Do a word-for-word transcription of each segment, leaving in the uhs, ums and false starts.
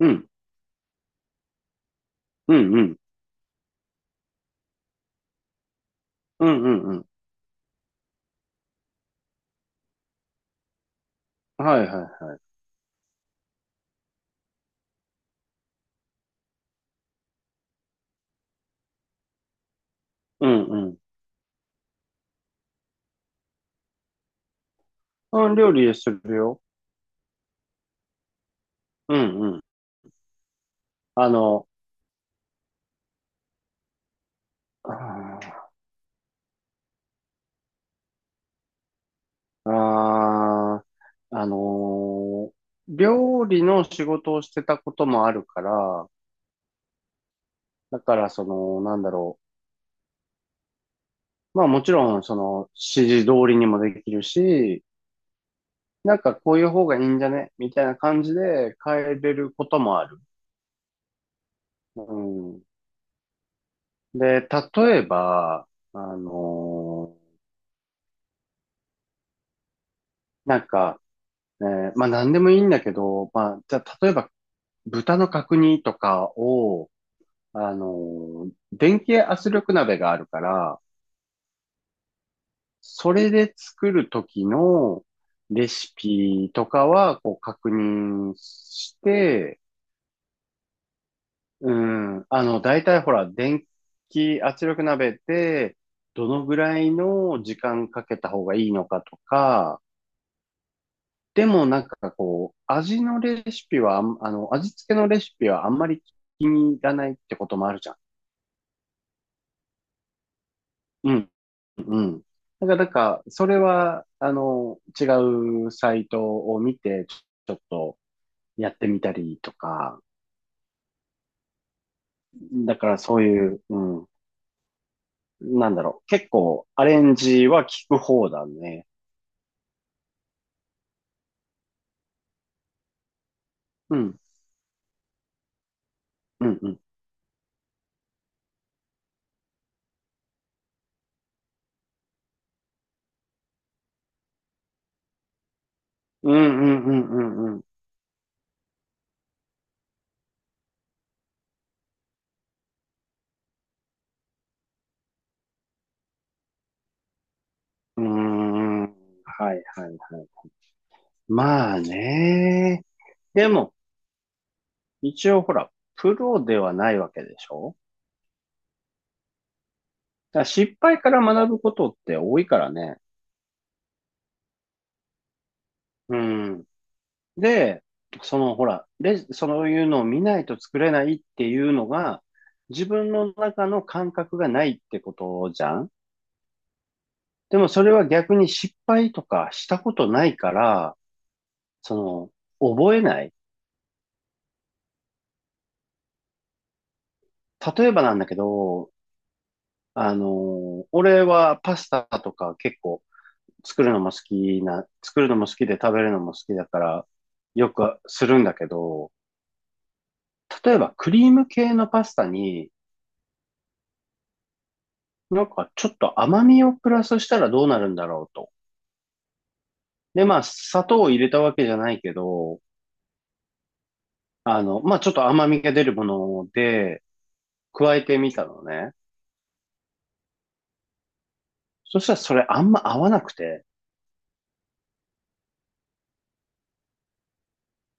うん、うん、うん、うん、うん、うん。はいはい。うん、うん。うん、料理するよ。うん、うん。あの、あー、あーあのー料理の仕事をしてたこともあるから、だからその、なんだろう。まあもちろん、その、指示通りにもできるし、なんかこういう方がいいんじゃねみたいな感じで変えれることもある。うん。で、例えば、あのーなんか、えーまあ何でもいいんだけど、まあじゃあ例えば豚の角煮とかを、あのー電気圧力鍋があるから、それで作る時のレシピとかはこう確認して、うん、あの、大体ほら、電気圧力鍋ってどのぐらいの時間かけた方がいいのかとか、でもなんかこう、味のレシピはあん、あの、味付けのレシピはあんまり気に入らないってこともあるじゃん。うん、うん。だからなんか、それは、あの、違うサイトを見て、ちょちょっとやってみたりとか、だからそういう、うん、なんだろう、結構アレンジは効く方だね。うん、うん、うん。うんうんうんうんうん。うーん。はいはいはい。まあね。でも、一応ほら、プロではないわけでしょ。だから失敗から学ぶことって多いからね。うん。で、そのほら、レジ、そういうのを見ないと作れないっていうのが、自分の中の感覚がないってことじゃん。でもそれは逆に失敗とかしたことないから、その、覚えない。例えばなんだけど、あの、俺はパスタとか結構作るのも好きな、作るのも好きで食べるのも好きだから、よくするんだけど、例えばクリーム系のパスタに、なんかちょっと甘みをプラスしたらどうなるんだろうと。で、まあ、砂糖を入れたわけじゃないけど、あの、まあ、ちょっと甘みが出るもので、加えてみたのね。そしたらそれあんま合わなくて、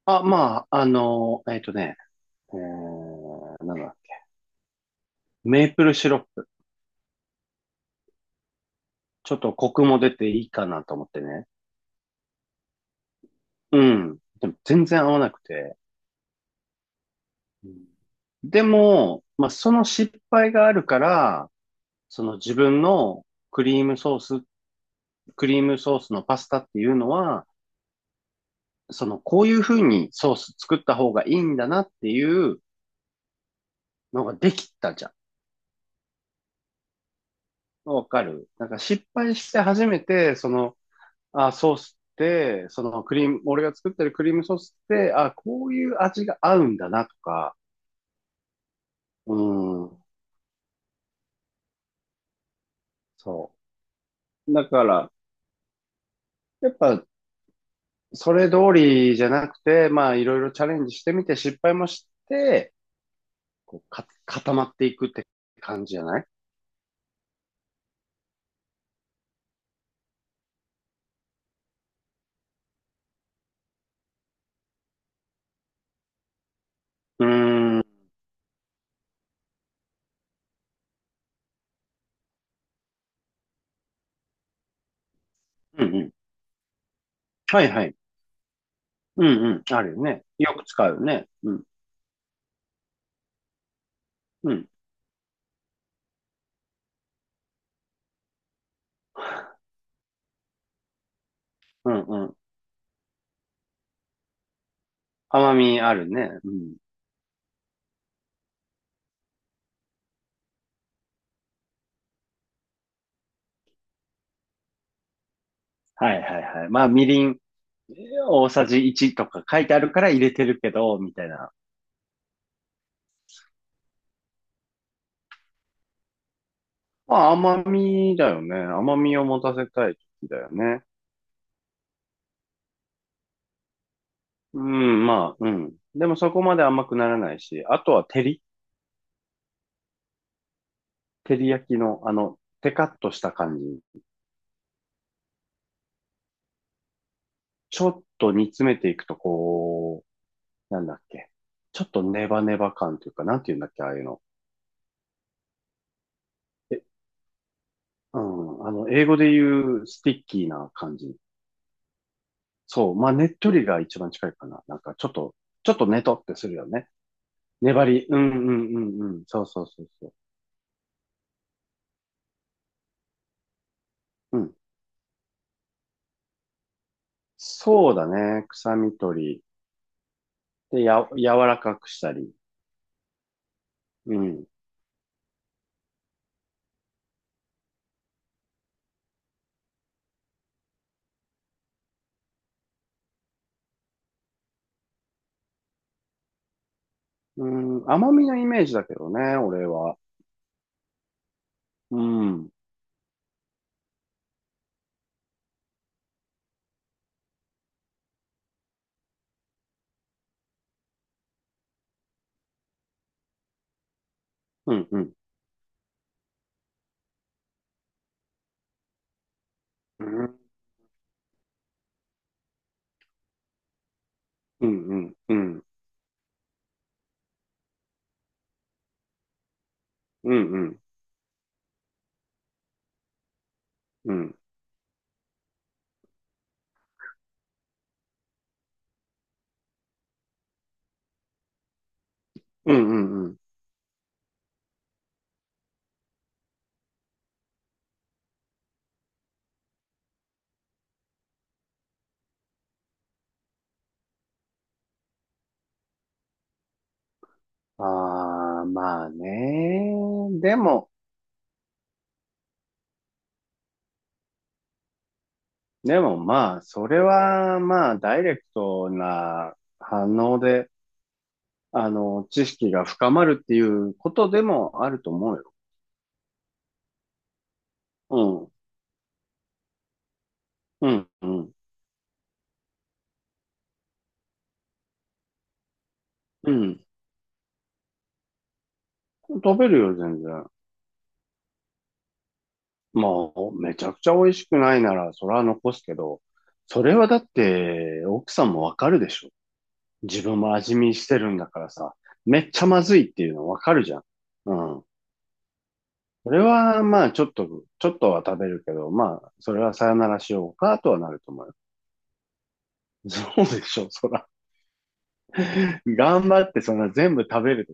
あ、まあ、あの、えっとね、えー、なんだっけ、メープルシロップ。ちょっとコクも出ていいかなと思ってね。うん。でも全然合わなくて。うん。でも、まあ、その失敗があるから、その自分のクリームソース、クリームソースのパスタっていうのは、そのこういう風にソース作った方がいいんだなっていうのができたじゃん。わかる。なんか失敗して初めて、その、あ、ソースって、そのクリーム、俺が作ってるクリームソースって、あ、こういう味が合うんだなとか、うん、そう。だから、やっぱそれ通りじゃなくて、まあ、いろいろチャレンジしてみて、失敗もして、こうか、固まっていくって感じじゃない。うーん、うんうん。はいはい。うんうん。あるよね。よく使うよね。うん、うん、うんうん。甘みあるね。うん。はいはいはい。まあ、みりん大さじいちとか書いてあるから入れてるけど、みたいな。まあ、甘みだよね。甘みを持たせたい時だよね。うん、まあ、うん。でもそこまで甘くならないし、あとは照り照り焼きの、あの、テカッとした感じ。ちょっと煮詰めていくと、こう、なんだっけ。ちょっとネバネバ感というか、なんて言うんだっけ、ああいうの。え、うん、あの、英語で言うスティッキーな感じ。そう、まあ、ねっとりが一番近いかな。なんか、ちょっと、ちょっとねとってするよね。粘り。うんうんうんうん。そうそうそうそう。うん。そうだね。臭み取り。で、や、柔らかくしたり。うん。うん、甘みのイメージだけどね、俺は。うん。うんうんうん、うん、うん、うん、うん、うん、うん、うん、うん。ああー、まあね。でも、でもまあ、それはまあ、ダイレクトな反応で、あの、知識が深まるっていうことでもあると思うよ。うん、うん、うん、うん。食べるよ、全然。もう、めちゃくちゃ美味しくないなら、それは残すけど、それはだって、奥さんもわかるでしょ。自分も味見してるんだからさ、めっちゃまずいっていうのわかるじゃん。うん。それは、まあ、ちょっと、ちょっとは食べるけど、まあ、それはさよならしようかとはなると思うよ。そうでしょ、そら。頑張ってそんな全部食べると。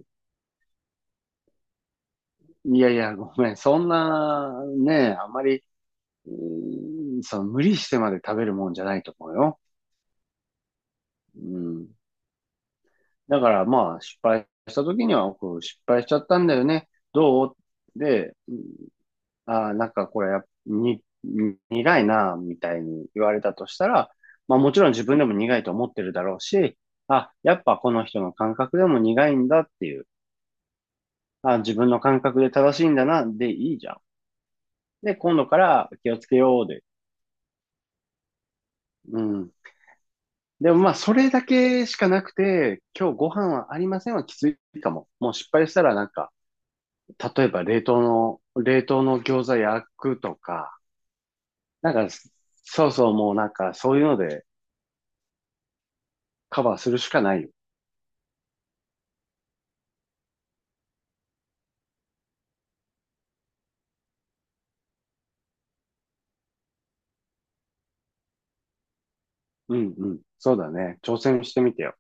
いやいや、ごめん。そんな、ね、あまり、うーん。その無理してまで食べるもんじゃないと思うよ。うん。だからまあ、失敗した時には、こう失敗しちゃったんだよね。どうで、ああ、なんかこれやっぱ、に、に苦いな、みたいに言われたとしたら、まあもちろん自分でも苦いと思ってるだろうし、あ、やっぱこの人の感覚でも苦いんだっていう、あ、自分の感覚で正しいんだな、でいいじゃん。で、今度から気をつけようで。うん。でもまあそれだけしかなくて、今日ご飯はありませんはきついかも。もう失敗したらなんか、例えば冷凍の、冷凍の餃子焼くとか、なんか、そうそう、もうなんか、そういうのでカバーするしかないよ。うんうん。そうだね。挑戦してみてよ。